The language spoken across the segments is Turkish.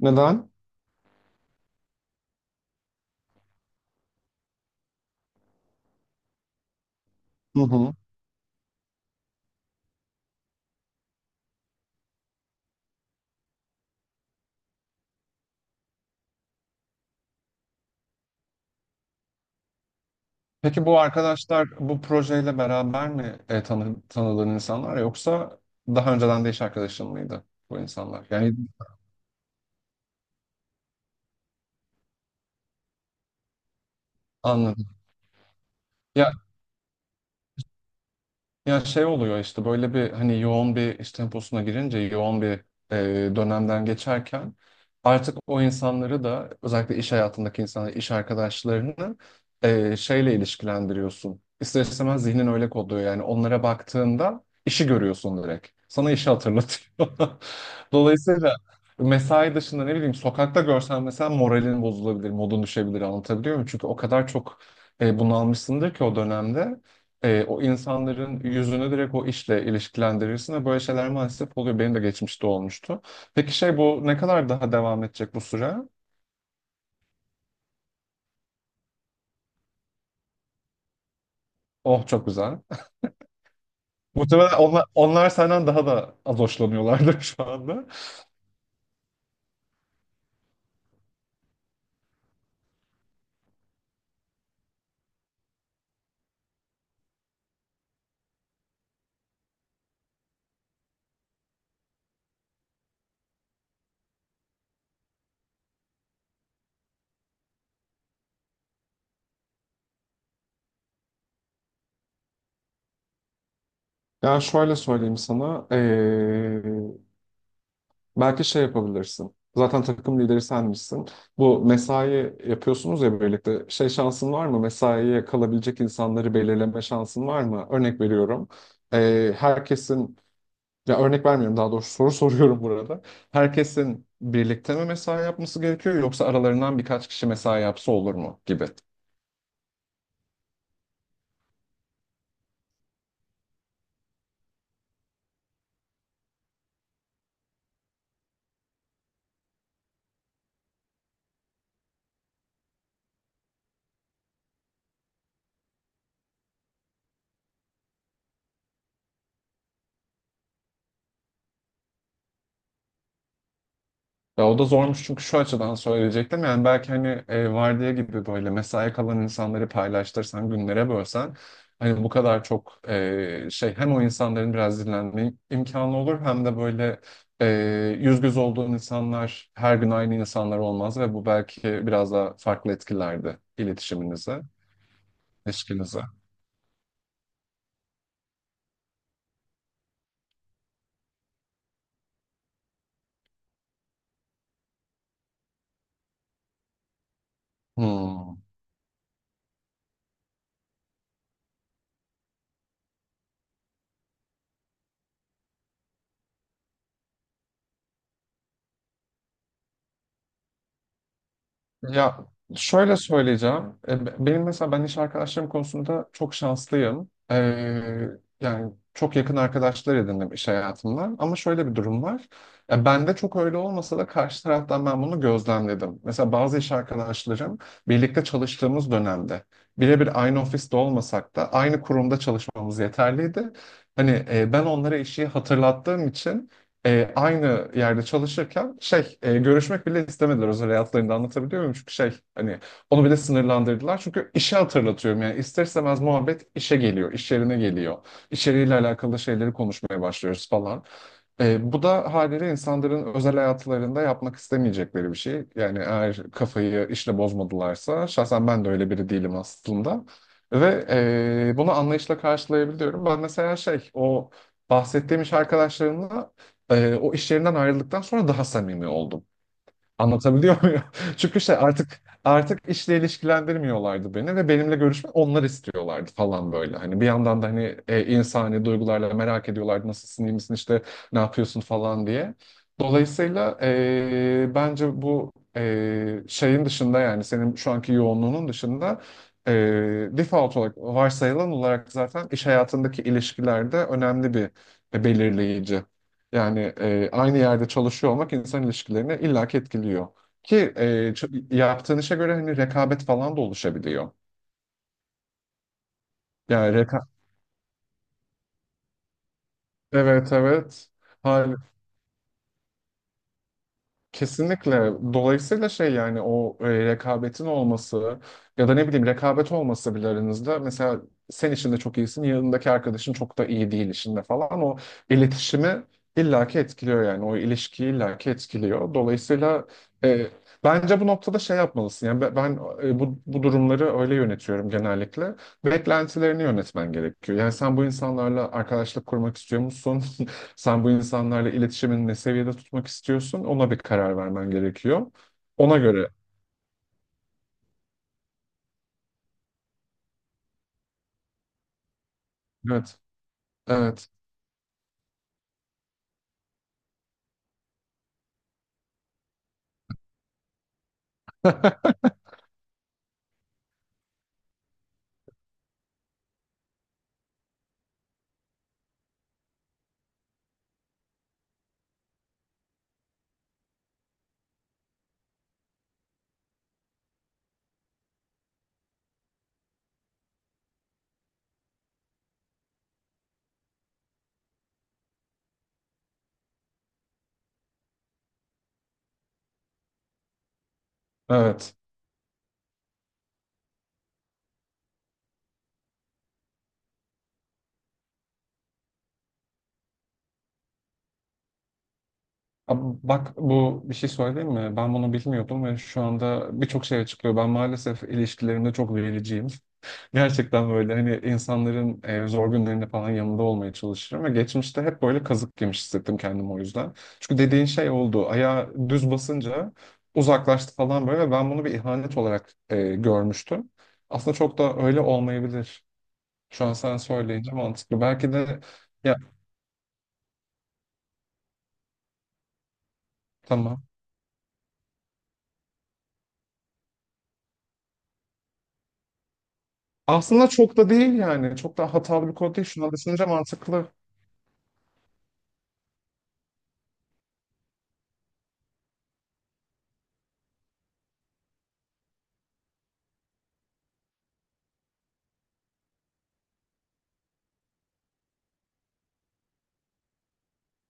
Neden? Hı hı. Peki bu arkadaşlar bu projeyle beraber mi tanıdığın insanlar yoksa daha önceden de iş arkadaşın mıydı bu insanlar? Yani anladım. Ya şey oluyor işte böyle bir hani yoğun bir iş temposuna girince yoğun bir dönemden geçerken artık o insanları da özellikle iş hayatındaki insanları, iş arkadaşlarını şeyle ilişkilendiriyorsun. İster istemez zihnin öyle kodluyor yani onlara baktığında işi görüyorsun direkt. Sana işi hatırlatıyor. Dolayısıyla mesai dışında ne bileyim sokakta görsen mesela moralin bozulabilir, modun düşebilir, anlatabiliyor muyum? Çünkü o kadar çok bunalmışsındır ki o dönemde o insanların yüzünü direkt o işle ilişkilendirirsin ve böyle şeyler maalesef oluyor. Benim de geçmişte olmuştu. Peki şey, bu ne kadar daha devam edecek bu süre? Oh, çok güzel. Muhtemelen onlar senden daha da az hoşlanıyorlardır şu anda. Ya şöyle söyleyeyim sana, belki şey yapabilirsin. Zaten takım lideri senmişsin. Bu mesai yapıyorsunuz ya birlikte. Şey, şansın var mı? Mesaiye kalabilecek insanları belirleme şansın var mı? Örnek veriyorum. Herkesin Ya, örnek vermiyorum, daha doğrusu soru soruyorum burada. Herkesin birlikte mi mesai yapması gerekiyor, yoksa aralarından birkaç kişi mesai yapsa olur mu gibi. Ya, o da zormuş çünkü şu açıdan söyleyecektim. Yani belki hani vardiya gibi böyle mesai kalan insanları paylaştırsan, günlere bölsen, hani bu kadar çok şey, hem o insanların biraz dinlenme imkanı olur hem de böyle e, yüz göz olduğun insanlar her gün aynı insanlar olmaz ve bu belki biraz daha farklı etkilerdi iletişiminize, ilişkinize. Hmm. Ya şöyle söyleyeceğim. Benim, mesela, ben iş arkadaşlarım konusunda çok şanslıyım. Yani çok yakın arkadaşlar edindim iş hayatımdan. Ama şöyle bir durum var. Ya bende çok öyle olmasa da karşı taraftan ben bunu gözlemledim. Mesela bazı iş arkadaşlarım birlikte çalıştığımız dönemde birebir aynı ofiste olmasak da aynı kurumda çalışmamız yeterliydi. Hani ben onlara işi hatırlattığım için aynı yerde çalışırken şey görüşmek bile istemediler özel hayatlarında, anlatabiliyor muyum? Çünkü şey hani onu bile sınırlandırdılar. Çünkü işe hatırlatıyorum yani, ister istemez muhabbet işe geliyor, iş yerine geliyor. İçeriğiyle alakalı şeyleri konuşmaya başlıyoruz falan. Bu da haliyle insanların özel hayatlarında yapmak istemeyecekleri bir şey. Yani eğer kafayı işle bozmadılarsa, şahsen ben de öyle biri değilim aslında. Ve bunu anlayışla karşılayabiliyorum. Ben mesela şey, o bahsettiğim iş arkadaşlarımla o iş yerinden ayrıldıktan sonra daha samimi oldum. Anlatabiliyor muyum? Çünkü şey, artık işle ilişkilendirmiyorlardı beni ve benimle görüşme onlar istiyorlardı falan, böyle. Hani bir yandan da hani insani duygularla merak ediyorlardı, nasılsın, iyi misin, işte ne yapıyorsun falan diye. Dolayısıyla bence bu şeyin dışında, yani senin şu anki yoğunluğunun dışında, e, default olarak, varsayılan olarak, zaten iş hayatındaki ilişkilerde önemli bir belirleyici. Yani aynı yerde çalışıyor olmak insan ilişkilerini illaki etkiliyor. Ki yaptığın işe göre hani rekabet falan da oluşabiliyor. Yani evet evet. Kesinlikle. Dolayısıyla şey, yani o rekabetin olması ya da ne bileyim, rekabet olması bile aranızda, mesela sen işinde çok iyisin, yanındaki arkadaşın çok da iyi değil işinde falan, o iletişimi illaki etkiliyor, yani o ilişkiyi illaki etkiliyor. Dolayısıyla e, bence bu noktada şey yapmalısın, yani bu durumları öyle yönetiyorum genellikle. Beklentilerini yönetmen gerekiyor. Yani sen bu insanlarla arkadaşlık kurmak istiyor musun? Sen bu insanlarla iletişimini ne seviyede tutmak istiyorsun? Ona bir karar vermen gerekiyor. Ona göre. Evet. Evet. Evet. Bak, bu, bir şey söyleyeyim mi? Ben bunu bilmiyordum ve şu anda birçok şey açıklıyor. Ben maalesef ilişkilerimde çok vericiyim. Gerçekten böyle, hani, insanların zor günlerinde falan yanında olmaya çalışırım ve geçmişte hep böyle kazık yemiş hissettim kendimi, o yüzden. Çünkü dediğin şey oldu. Ayağı düz basınca uzaklaştı falan, böyle, ve ben bunu bir ihanet olarak görmüştüm. Aslında çok da öyle olmayabilir. Şu an sen söyleyince mantıklı. Belki de, ya, tamam. Aslında çok da değil yani. Çok da hatalı bir kod değil. Şunu düşününce mantıklı.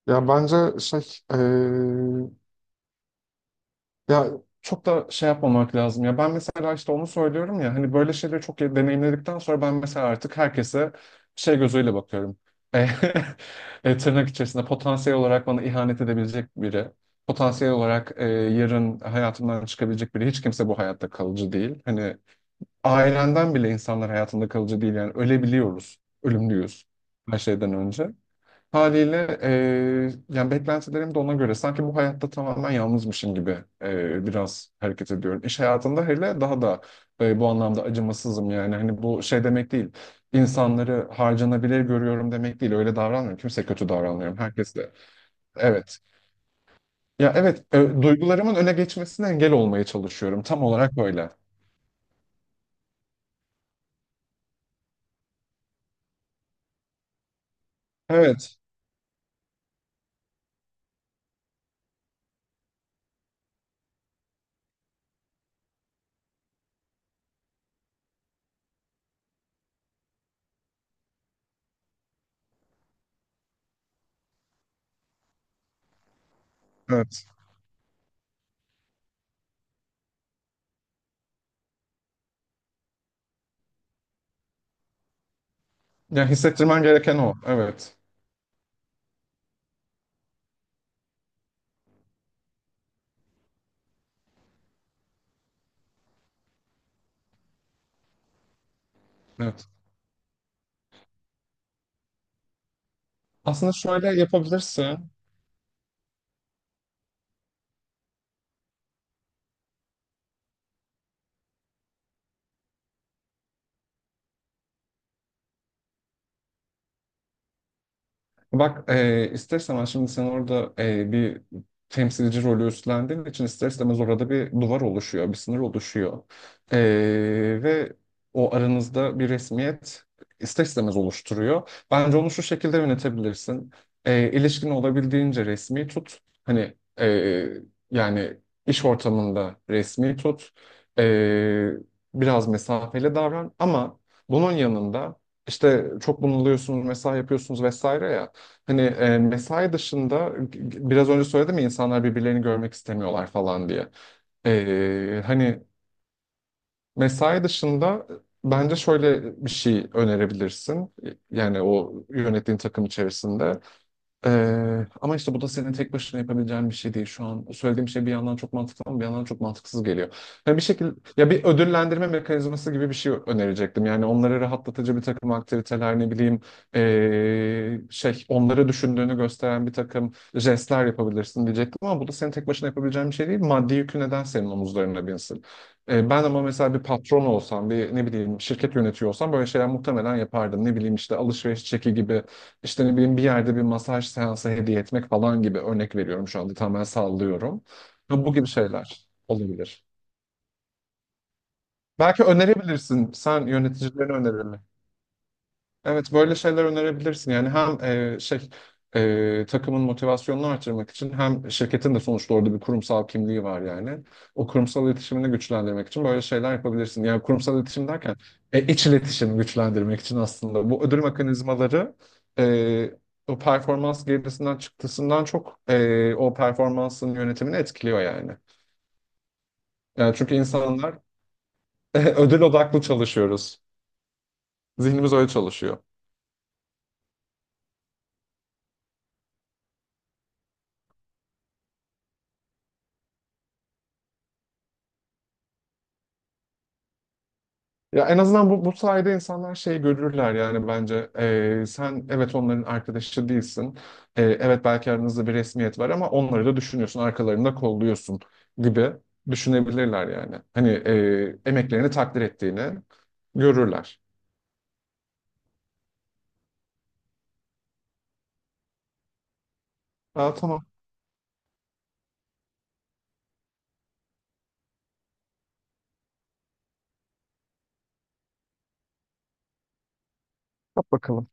Ya bence şey Ya, çok da şey yapmamak lazım ya. Ben mesela işte onu söylüyorum ya, hani böyle şeyleri çok iyi deneyimledikten sonra ben mesela artık herkese şey gözüyle bakıyorum. E, tırnak içerisinde, potansiyel olarak bana ihanet edebilecek biri. Potansiyel olarak yarın hayatımdan çıkabilecek biri. Hiç kimse bu hayatta kalıcı değil. Hani ailenden bile insanlar hayatında kalıcı değil, yani ölebiliyoruz. Ölümlüyüz her şeyden önce. Haliyle yani beklentilerim de ona göre, sanki bu hayatta tamamen yalnızmışım gibi biraz hareket ediyorum. İş hayatında hele daha da bu anlamda acımasızım, yani, hani, bu şey demek değil. İnsanları harcanabilir görüyorum demek değil. Öyle davranmıyorum. Kimse kötü davranmıyorum. Herkesle. Evet. Ya, evet, duygularımın öne geçmesine engel olmaya çalışıyorum. Tam olarak öyle. Evet. Evet. Yani hissettirmen gereken o. Evet. Evet. Aslında şöyle yapabilirsin. Bak, ister istemez şimdi sen orada bir temsilci rolü üstlendiğin için ister istemez orada bir duvar oluşuyor, bir sınır oluşuyor. E, ve o aranızda bir resmiyet ister istemez oluşturuyor. Bence onu şu şekilde yönetebilirsin. E, ilişkin olabildiğince resmi tut. Hani yani iş ortamında resmi tut. E, biraz mesafeli davran, ama bunun yanında işte çok bunalıyorsunuz, mesai yapıyorsunuz vesaire ya. Hani mesai dışında biraz önce söyledim ya, insanlar birbirlerini görmek istemiyorlar falan diye. Hani mesai dışında bence şöyle bir şey önerebilirsin. Yani o yönettiğin takım içerisinde. Ama işte bu da senin tek başına yapabileceğin bir şey değil. Şu an söylediğim şey bir yandan çok mantıklı ama bir yandan çok mantıksız geliyor. Yani bir şekilde, ya, bir ödüllendirme mekanizması gibi bir şey önerecektim. Yani onları rahatlatıcı bir takım aktiviteler, ne bileyim, şey, onları düşündüğünü gösteren bir takım jestler yapabilirsin diyecektim, ama bu da senin tek başına yapabileceğin bir şey değil. Maddi yükü neden senin omuzlarına binsin? Ben ama mesela bir patron olsam, bir, ne bileyim, şirket yönetiyor olsam böyle şeyler muhtemelen yapardım. Ne bileyim, işte alışveriş çeki gibi, işte ne bileyim, bir yerde bir masaj seansı hediye etmek falan gibi, örnek veriyorum, şu anda tamamen sallıyorum. Bu gibi şeyler olabilir. Belki önerebilirsin. Sen yöneticilerine önerelim. Evet, böyle şeyler önerebilirsin. Yani hem şey, takımın motivasyonunu artırmak için, hem şirketin de sonuçta orada bir kurumsal kimliği var yani. O kurumsal iletişimini güçlendirmek için böyle şeyler yapabilirsin. Yani kurumsal iletişim derken iç iletişimi güçlendirmek için, aslında bu ödül mekanizmaları e, o performans gerisinden, çıktısından çok o performansın yönetimini etkiliyor yani. Yani çünkü insanlar ödül odaklı çalışıyoruz. Zihnimiz öyle çalışıyor. Ya en azından bu sayede insanlar şey görürler yani, bence sen, evet, onların arkadaşı değilsin. Evet belki aranızda bir resmiyet var, ama onları da düşünüyorsun, arkalarında kolluyorsun gibi düşünebilirler yani. Hani emeklerini takdir ettiğini görürler. Aa, tamam, yap bakalım.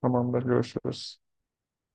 Tamamdır, görüşürüz.